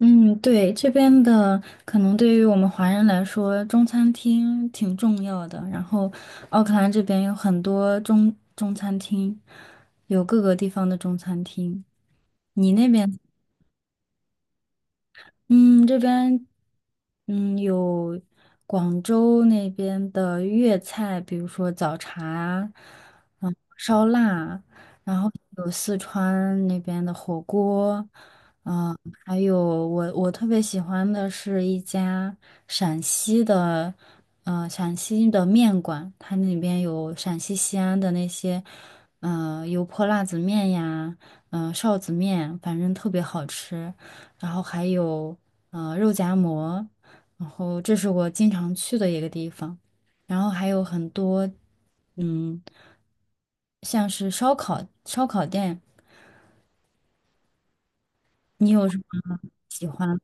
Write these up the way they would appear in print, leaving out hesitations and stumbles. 嗯，对，这边的可能对于我们华人来说，中餐厅挺重要的。然后，奥克兰这边有很多中餐厅，有各个地方的中餐厅。你那边？嗯，这边有广州那边的粤菜，比如说早茶，烧腊，然后有四川那边的火锅，嗯，还有我特别喜欢的是一家陕西的，陕西的面馆，它那边有陕西西安的那些，油泼辣子面呀，臊子面，反正特别好吃。然后还有肉夹馍，然后这是我经常去的一个地方，然后还有很多嗯，像是烧烤店，你有什么喜欢？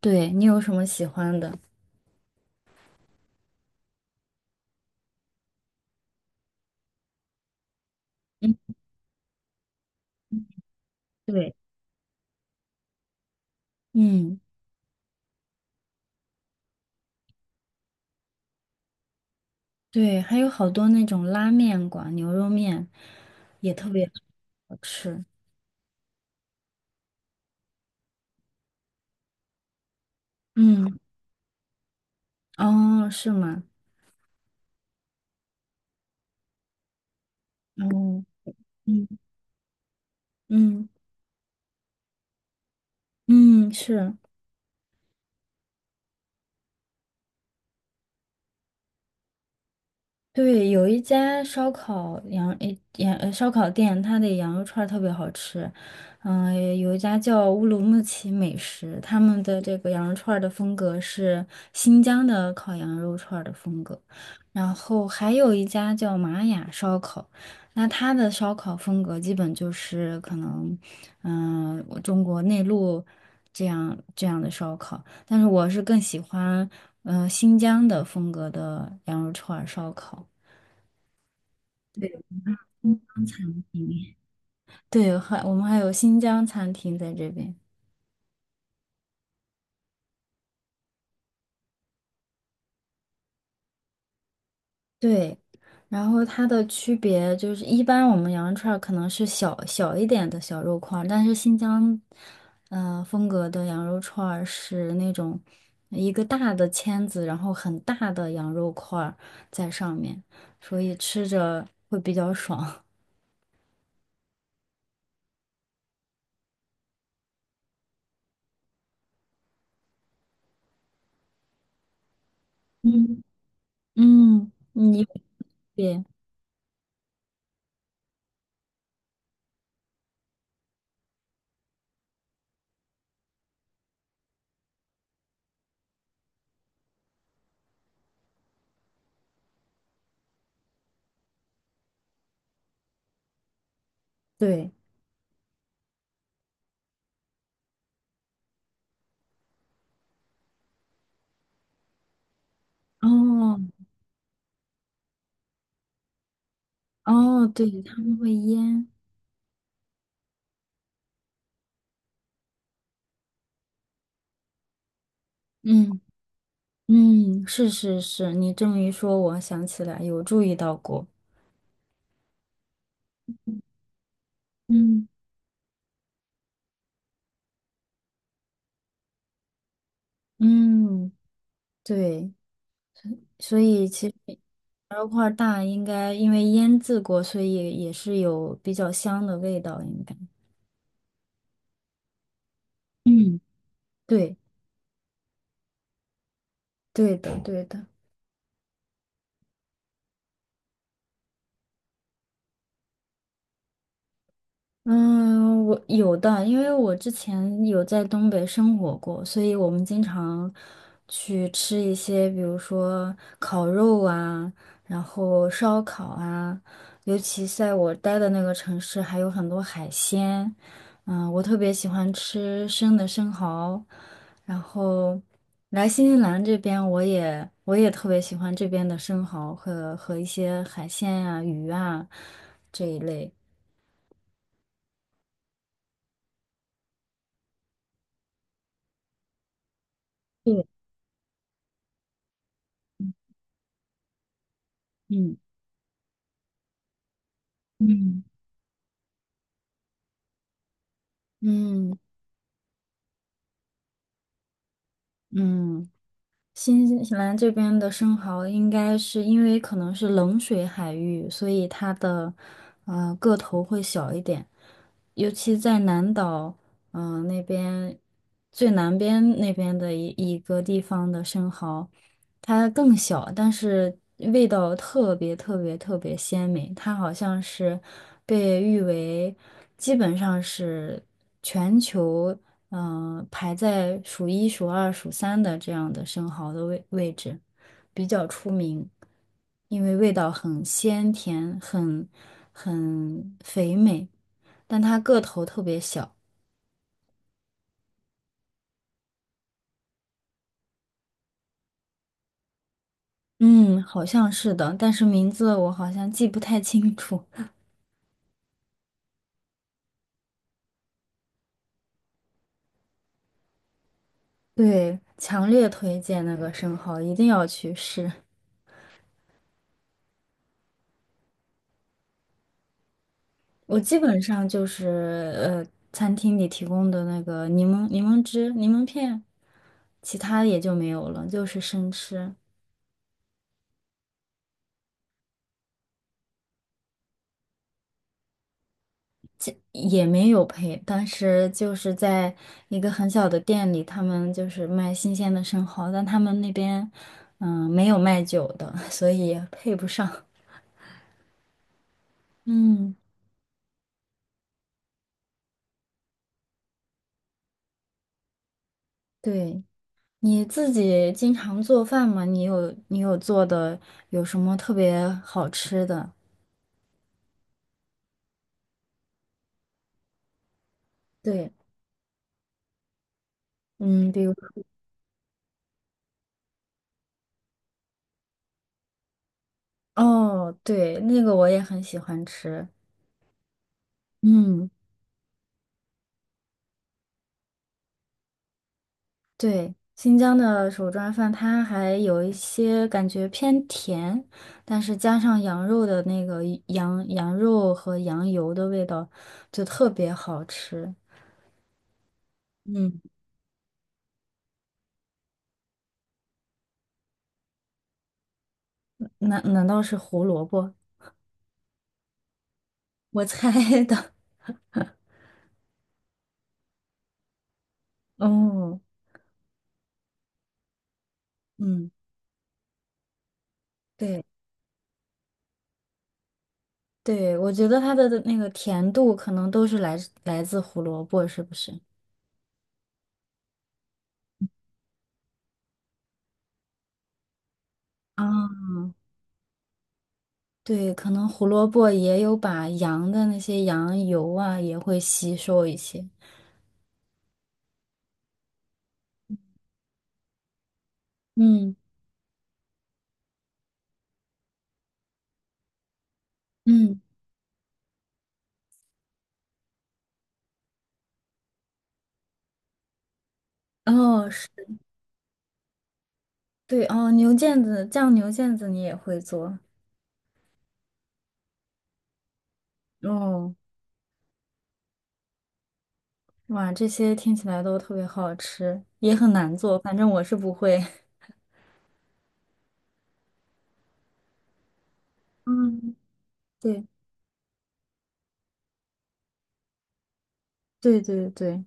对，你有什么喜欢的？对，嗯，对，还有好多那种拉面馆、牛肉面也特别好吃。嗯，哦，是吗？哦，嗯嗯嗯，是。对，有一家烧烤店，它的羊肉串儿特别好吃。有一家叫乌鲁木齐美食，他们的这个羊肉串儿的风格是新疆的烤羊肉串儿的风格。然后还有一家叫玛雅烧烤，那它的烧烤风格基本就是可能，我中国内陆这样的烧烤。但是我是更喜欢新疆的风格的羊肉串儿烧烤。对，新疆餐厅。对，我们还有新疆餐厅在这边。对，然后它的区别就是，一般我们羊肉串儿可能是小小一点的小肉块儿，但是新疆，风格的羊肉串儿是那种一个大的签子，然后很大的羊肉块儿在上面，所以吃着会比较爽。嗯嗯，对对，哦哦，对，他们会腌，嗯嗯，是是是，你这么一说，我想起来有注意到过，嗯嗯，对，所以其实牛肉块儿大应该因为腌制过，所以也是有比较香的味道，应该，嗯，对对的对的，嗯，我有的，因为我之前有在东北生活过，所以我们经常去吃一些，比如说烤肉啊，然后烧烤啊，尤其在我待的那个城市，还有很多海鲜。嗯，我特别喜欢吃生的生蚝，然后来新西兰这边，我也特别喜欢这边的生蚝和一些海鲜啊、鱼啊这一类。对，嗯。嗯嗯嗯，新西兰这边的生蚝应该是因为可能是冷水海域，所以它的个头会小一点，尤其在南岛，那边最南边那边的一个地方的生蚝，它更小，但是味道特别特别特别鲜美，它好像是被誉为基本上是。全球。排在数一、数二、数三的这样的生蚝的位置，比较出名，因为味道很鲜甜，很肥美，但它个头特别小。嗯，好像是的，但是名字我好像记不太清楚。对，强烈推荐那个生蚝，一定要去试。我基本上就是呃，餐厅里提供的那个柠檬、柠檬汁、柠檬片，其他也就没有了，就是生吃。也没有配，当时就是在一个很小的店里，他们就是卖新鲜的生蚝，但他们那边没有卖酒的，所以也配不上。嗯，对，你自己经常做饭吗？你有做的有什么特别好吃的？对，嗯，比如哦，对，那个我也很喜欢吃。嗯。对，新疆的手抓饭，它还有一些感觉偏甜，但是加上羊肉的那个羊肉和羊油的味道，就特别好吃。嗯，难道是胡萝卜？我猜的。哦，嗯，对对，我觉得它的那个甜度可能都是来自胡萝卜，是不是？啊，对，可能胡萝卜也有把羊的那些羊油啊，也会吸收一些。嗯嗯。哦，是对哦，牛腱子酱牛腱子你也会做哦，哇，这些听起来都特别好吃，也很难做，反正我是不会。嗯，对对对对，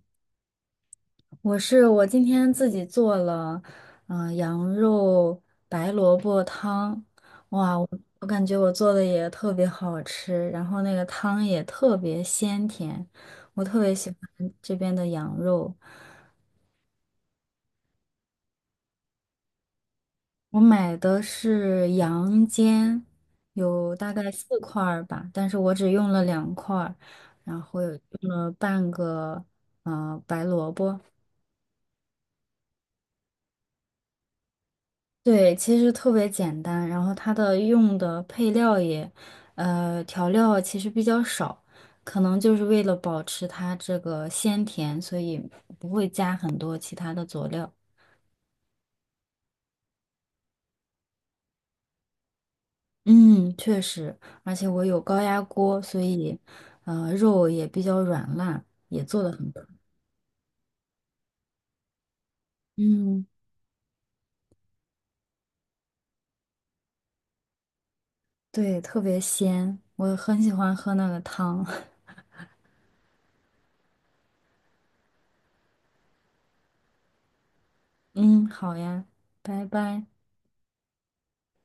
我今天自己做了，羊肉白萝卜汤，哇，我感觉我做的也特别好吃，然后那个汤也特别鲜甜，我特别喜欢这边的羊肉。我买的是羊肩，有大概四块儿吧，但是我只用了两块儿，然后有用了半个白萝卜。对，其实特别简单，然后它的用的配料也，调料其实比较少，可能就是为了保持它这个鲜甜，所以不会加很多其他的佐料。嗯，确实，而且我有高压锅，所以，肉也比较软烂，也做的很不错，嗯，对，特别鲜，我很喜欢喝那个汤。嗯，好呀，拜拜。